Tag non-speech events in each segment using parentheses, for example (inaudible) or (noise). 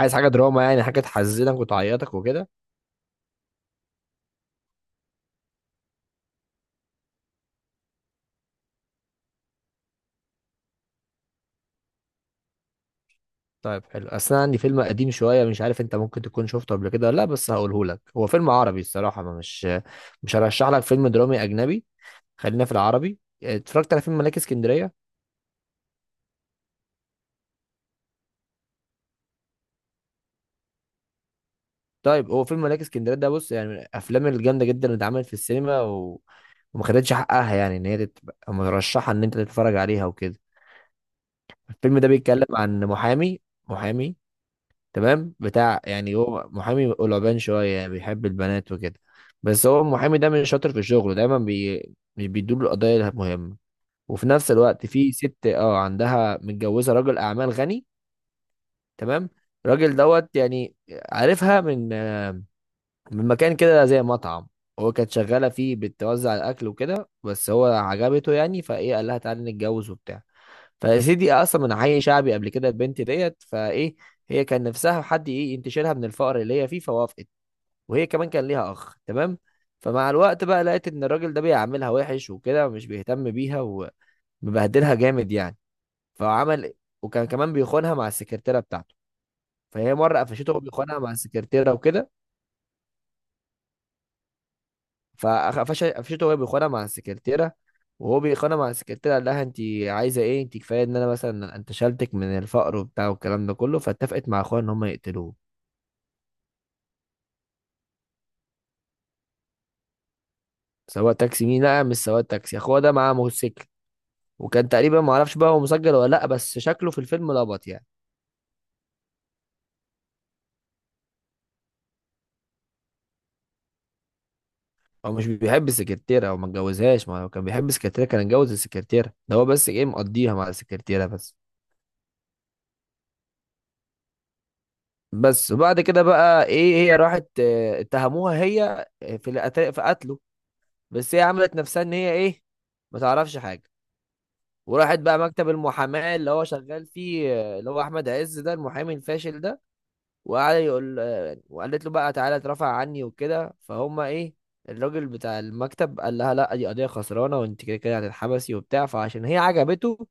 عايز حاجة دراما؟ يعني حاجة تحزنك وتعيطك وكده؟ طيب، حلو. اصل انا عندي فيلم قديم شوية، مش عارف انت ممكن تكون شفته قبل كده ولا لا، بس هقوله لك. هو فيلم عربي الصراحة، ما مش هرشح لك فيلم درامي اجنبي. خلينا في العربي. اتفرجت على فيلم ملاك اسكندرية؟ طيب، هو فيلم ملاك اسكندرية ده، بص، يعني من الافلام الجامدة جدا اللي اتعملت في السينما، وما خدتش حقها، يعني ان هي تبقى مرشحة ان انت تتفرج عليها وكده. الفيلم ده بيتكلم عن محامي. محامي تمام، بتاع، يعني هو محامي قلبان شوية، بيحب البنات وكده. بس هو المحامي ده مش شاطر في شغله، دايما مش بيدور القضايا المهمة. وفي نفس الوقت في ست، اه، عندها، متجوزة راجل أعمال غني. تمام. الراجل دوت يعني. عارفها من مكان كده زي مطعم. هو كانت شغالة فيه بتوزع الأكل وكده، بس هو عجبته يعني، فإيه، قال لها تعالي نتجوز وبتاع. فيا سيدي، اصلا من حي شعبي قبل كده البنت ديت، فايه، هي كان نفسها حد ايه ينتشلها من الفقر اللي هي فيه، فوافقت. وهي كمان كان ليها اخ، تمام. فمع الوقت بقى لقيت ان الراجل ده بيعاملها وحش وكده، ومش بيهتم بيها، ومبهدلها جامد يعني. فعمل، وكان كمان بيخونها مع السكرتيره بتاعته. فهي مره قفشته وبيخونها مع السكرتيره وكده. فقفشته وهي بيخانق مع السكرتيره. وهو بيخانق مع السكرتيره قال لها انت عايزه ايه، انت كفايه ان انا مثلا انتشلتك من الفقر وبتاع والكلام ده كله. فاتفقت مع اخوها ان هم يقتلوه. سواق تاكسي مين؟ لا، مش سواق تاكسي. اخوها ده معاه موتوسيكل. وكان تقريبا، ما اعرفش بقى هو مسجل ولا لا، بس شكله في الفيلم لبط يعني. هو مش بيحب السكرتيره، هو ما اتجوزهاش. ما هو كان بيحب السكرتيره كان اتجوز السكرتيره ده. هو بس ايه، مقضيها مع السكرتيره بس. بس وبعد كده بقى ايه، هي راحت، اتهموها هي في قتله بس هي عملت نفسها ان هي ايه، ما تعرفش حاجه. وراحت بقى مكتب المحاماه اللي هو شغال فيه، اللي هو احمد عز ده، المحامي الفاشل ده. وقعد يقول، وقالت له بقى تعالى اترفع عني وكده، فهم ايه، الراجل بتاع المكتب قال لها لا، دي قضيه خسرانه وانت كده كده هتتحبسي وبتاع. فعشان هي عجبته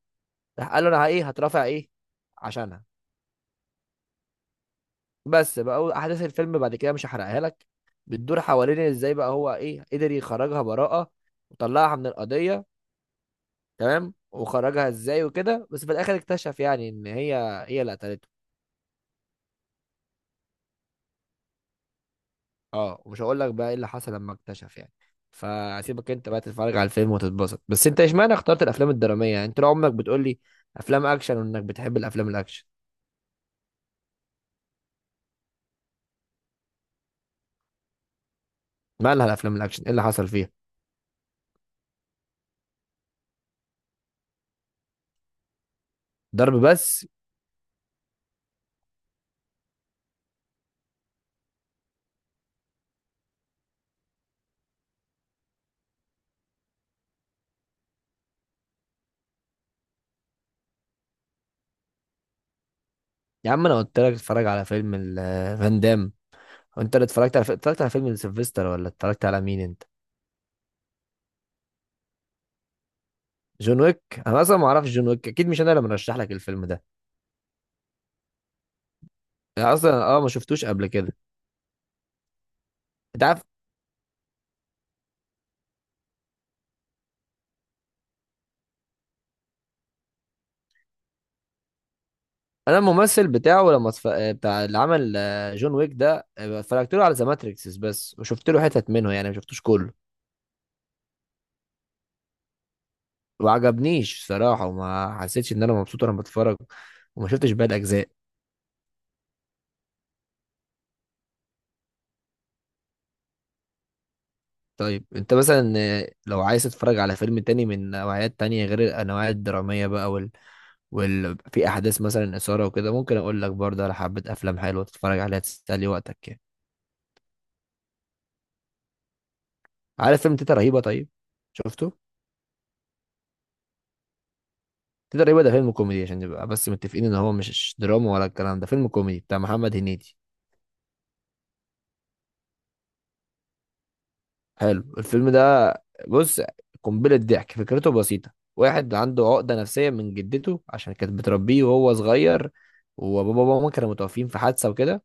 راح قال له انا ايه، هترفع ايه عشانها. بس بقى احداث الفيلم بعد كده مش هحرقها لك. بتدور حوالين ازاي بقى هو ايه قدر يخرجها براءه، وطلعها من القضيه. تمام. وخرجها ازاي وكده، بس في الاخر اكتشف يعني ان هي، هي اللي قتلته. اه، ومش هقول لك بقى ايه اللي حصل لما اكتشف يعني. فسيبك انت بقى تتفرج على الفيلم وتتبسط. بس انت اشمعنى اخترت الافلام الدراميه يعني؟ انت لو عمرك بتقول لي افلام اكشن وانك بتحب الافلام الاكشن. مالها الافلام الاكشن؟ ايه اللي حصل فيها؟ ضرب بس؟ يا عم، انا قلت لك اتفرج على فيلم فان دام. انت اللي اتفرجت على فيلم سيلفستر، ولا اتفرجت على مين انت؟ جون ويك؟ انا اصلا ما اعرفش جون ويك، اكيد مش انا اللي مرشح لك الفيلم ده. انا اصلا، اه، ما شفتوش قبل كده. انت عارف، انا الممثل بتاعه لما اتف... آه، بتاع، اللي عمل، جون ويك ده، اتفرجت له على ذا ماتريكس بس، وشفت له حتت منه يعني، ما شفتوش كله. وعجبنيش صراحة، وما حسيتش ان انا مبسوط وانا بتفرج، وما شفتش باقي الاجزاء. طيب انت مثلا، لو عايز تتفرج على فيلم تاني من نوعيات تانية غير النوعيات الدرامية بقى، في احداث مثلا اثارة وكده، ممكن اقول لك برضه على حبة افلام حلوة تتفرج عليها تسلي وقتك يعني. عارف فيلم تيتا رهيبة؟ طيب، شفته؟ تقدر يبقى ده فيلم كوميدي، عشان نبقى بس متفقين ان هو مش دراما ولا الكلام ده. فيلم كوميدي بتاع محمد هنيدي. حلو الفيلم ده. بص، قنبلة ضحك. فكرته بسيطة، واحد عنده عقدة نفسية من جدته عشان كانت بتربيه وهو صغير، وبابا وماما كانوا متوفين في حادثة وكده.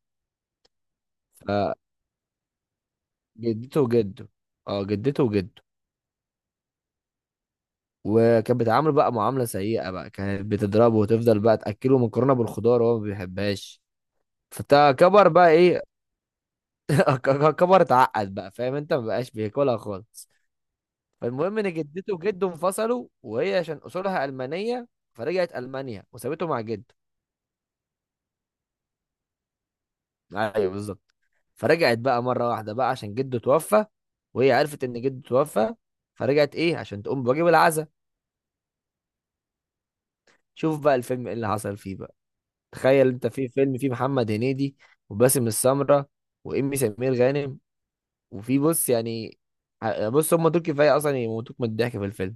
فجدته وجده، اه، جدته وجده. وكانت بتعامله بقى معاملة سيئة، بقى كانت بتضربه، وتفضل بقى تأكله مكرونة بالخضار، وهو ما بيحبهاش. فكبر بقى ايه، (laughs) كبر اتعقد بقى، فاهم انت، ما بقاش بياكلها خالص. فالمهم ان جدته وجده انفصلوا، وهي عشان اصولها المانيه، فرجعت المانيا وسابته مع جده. ايوه بالظبط. فرجعت بقى مره واحده بقى عشان جده توفى، وهي عرفت ان جده توفى، فرجعت ايه عشان تقوم بواجب العزاء. شوف بقى الفيلم ايه اللي حصل فيه بقى. تخيل انت في فيلم فيه محمد هنيدي، وباسم السمره، وامي سمير غانم. وفي بص يعني، بص هم دول كفايه اصلا يموتوك من الضحك في الفيلم.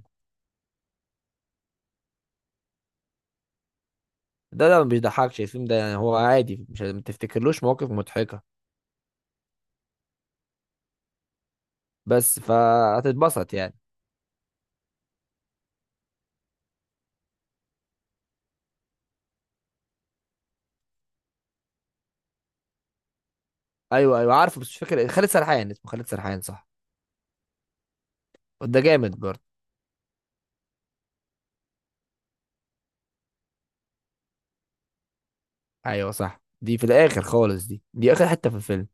ده ما بيضحكش الفيلم ده، يعني هو عادي، مش ما تفتكرلوش مواقف مضحكه بس فهتتبسط يعني. ايوه ايوه عارفه، بس مش فاكر إيه. خالد سرحان، اسمه خالد سرحان صح؟ ده جامد برضه. ايوه صح، دي في الاخر خالص، دي اخر حته في الفيلم.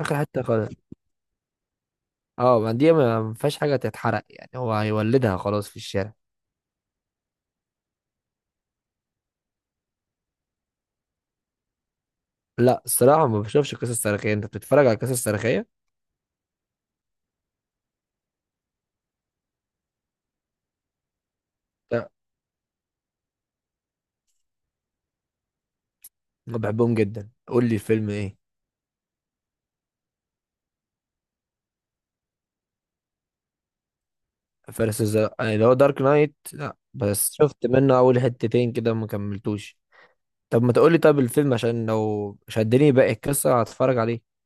اخر حته خالص. اه، ما دي ما فيهاش حاجه تتحرق يعني، هو هيولدها خلاص في الشارع. لا، الصراحه ما بشوفش قصص تاريخيه. انت بتتفرج على قصص تاريخيه؟ لا، ما بحبهم جدا، قول لي الفيلم ايه. فارس الزرق يعني اللي هو دارك نايت؟ لا، بس شفت منه اول حتتين كده ما كملتوش. طب ما تقولي، طب الفيلم، عشان لو شدني باقي القصه هتفرج عليه.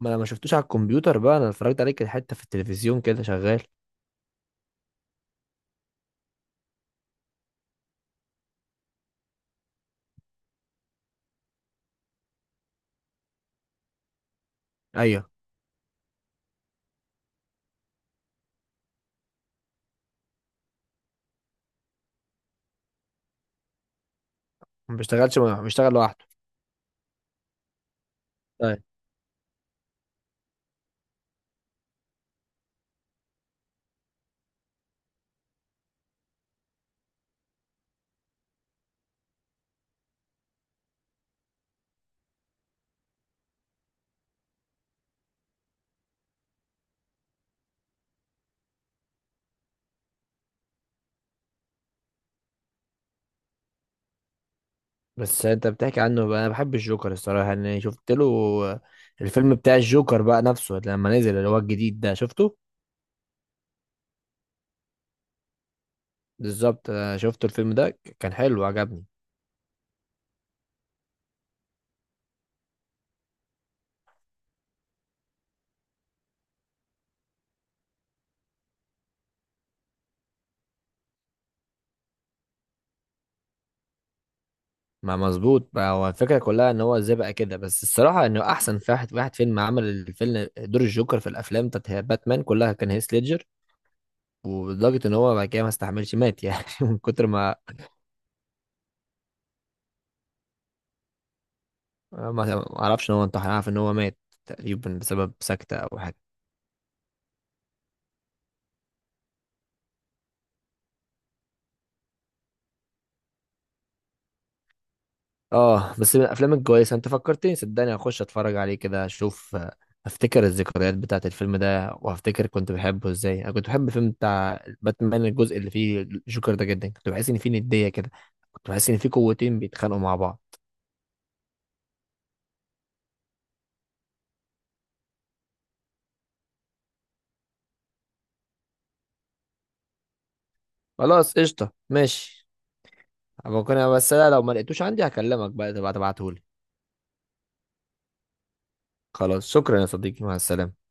ما انا ما شفتوش على الكمبيوتر بقى، انا اتفرجت عليك حته في التلفزيون كده شغال. ايوه، ما بيشتغلش، ما بيشتغل لوحده. طيب. بس انت بتحكي عنه بقى، انا بحب الجوكر الصراحه، انا شفت له الفيلم بتاع الجوكر بقى نفسه لما نزل، اللي هو الجديد ده شفته. بالظبط، أنا شفت الفيلم ده كان حلو عجبني. ما مظبوط بقى، هو الفكره كلها ان هو ازاي بقى كده، بس الصراحه انه احسن واحد واحد فيلم عمل الفيلم دور الجوكر في الافلام بتاعت باتمان كلها كان هيث ليدجر. ولدرجه ان هو بعد كده ما استحملش مات يعني (laughs) من كتر ما، ما اعرفش ان هو انتحر، عارف ان هو مات تقريبا بسبب سكتة او حاجة. اه، بس من الافلام الكويسة، انت فكرتني، صدقني هخش اتفرج عليه كده اشوف، هفتكر الذكريات بتاعت الفيلم ده، وهفتكر كنت بحبه ازاي. انا كنت بحب الفيلم بتاع باتمان الجزء اللي فيه جوكر ده جدا، كنت بحس ان فيه ندية كده، كنت بحس ان فيه قوتين بيتخانقوا مع بعض. خلاص قشطة ماشي. ممكن بس أنا لو ما لقيتوش عندي هكلمك بقى تبقى تبعتهولي. خلاص شكرا يا صديقي، مع السلامة.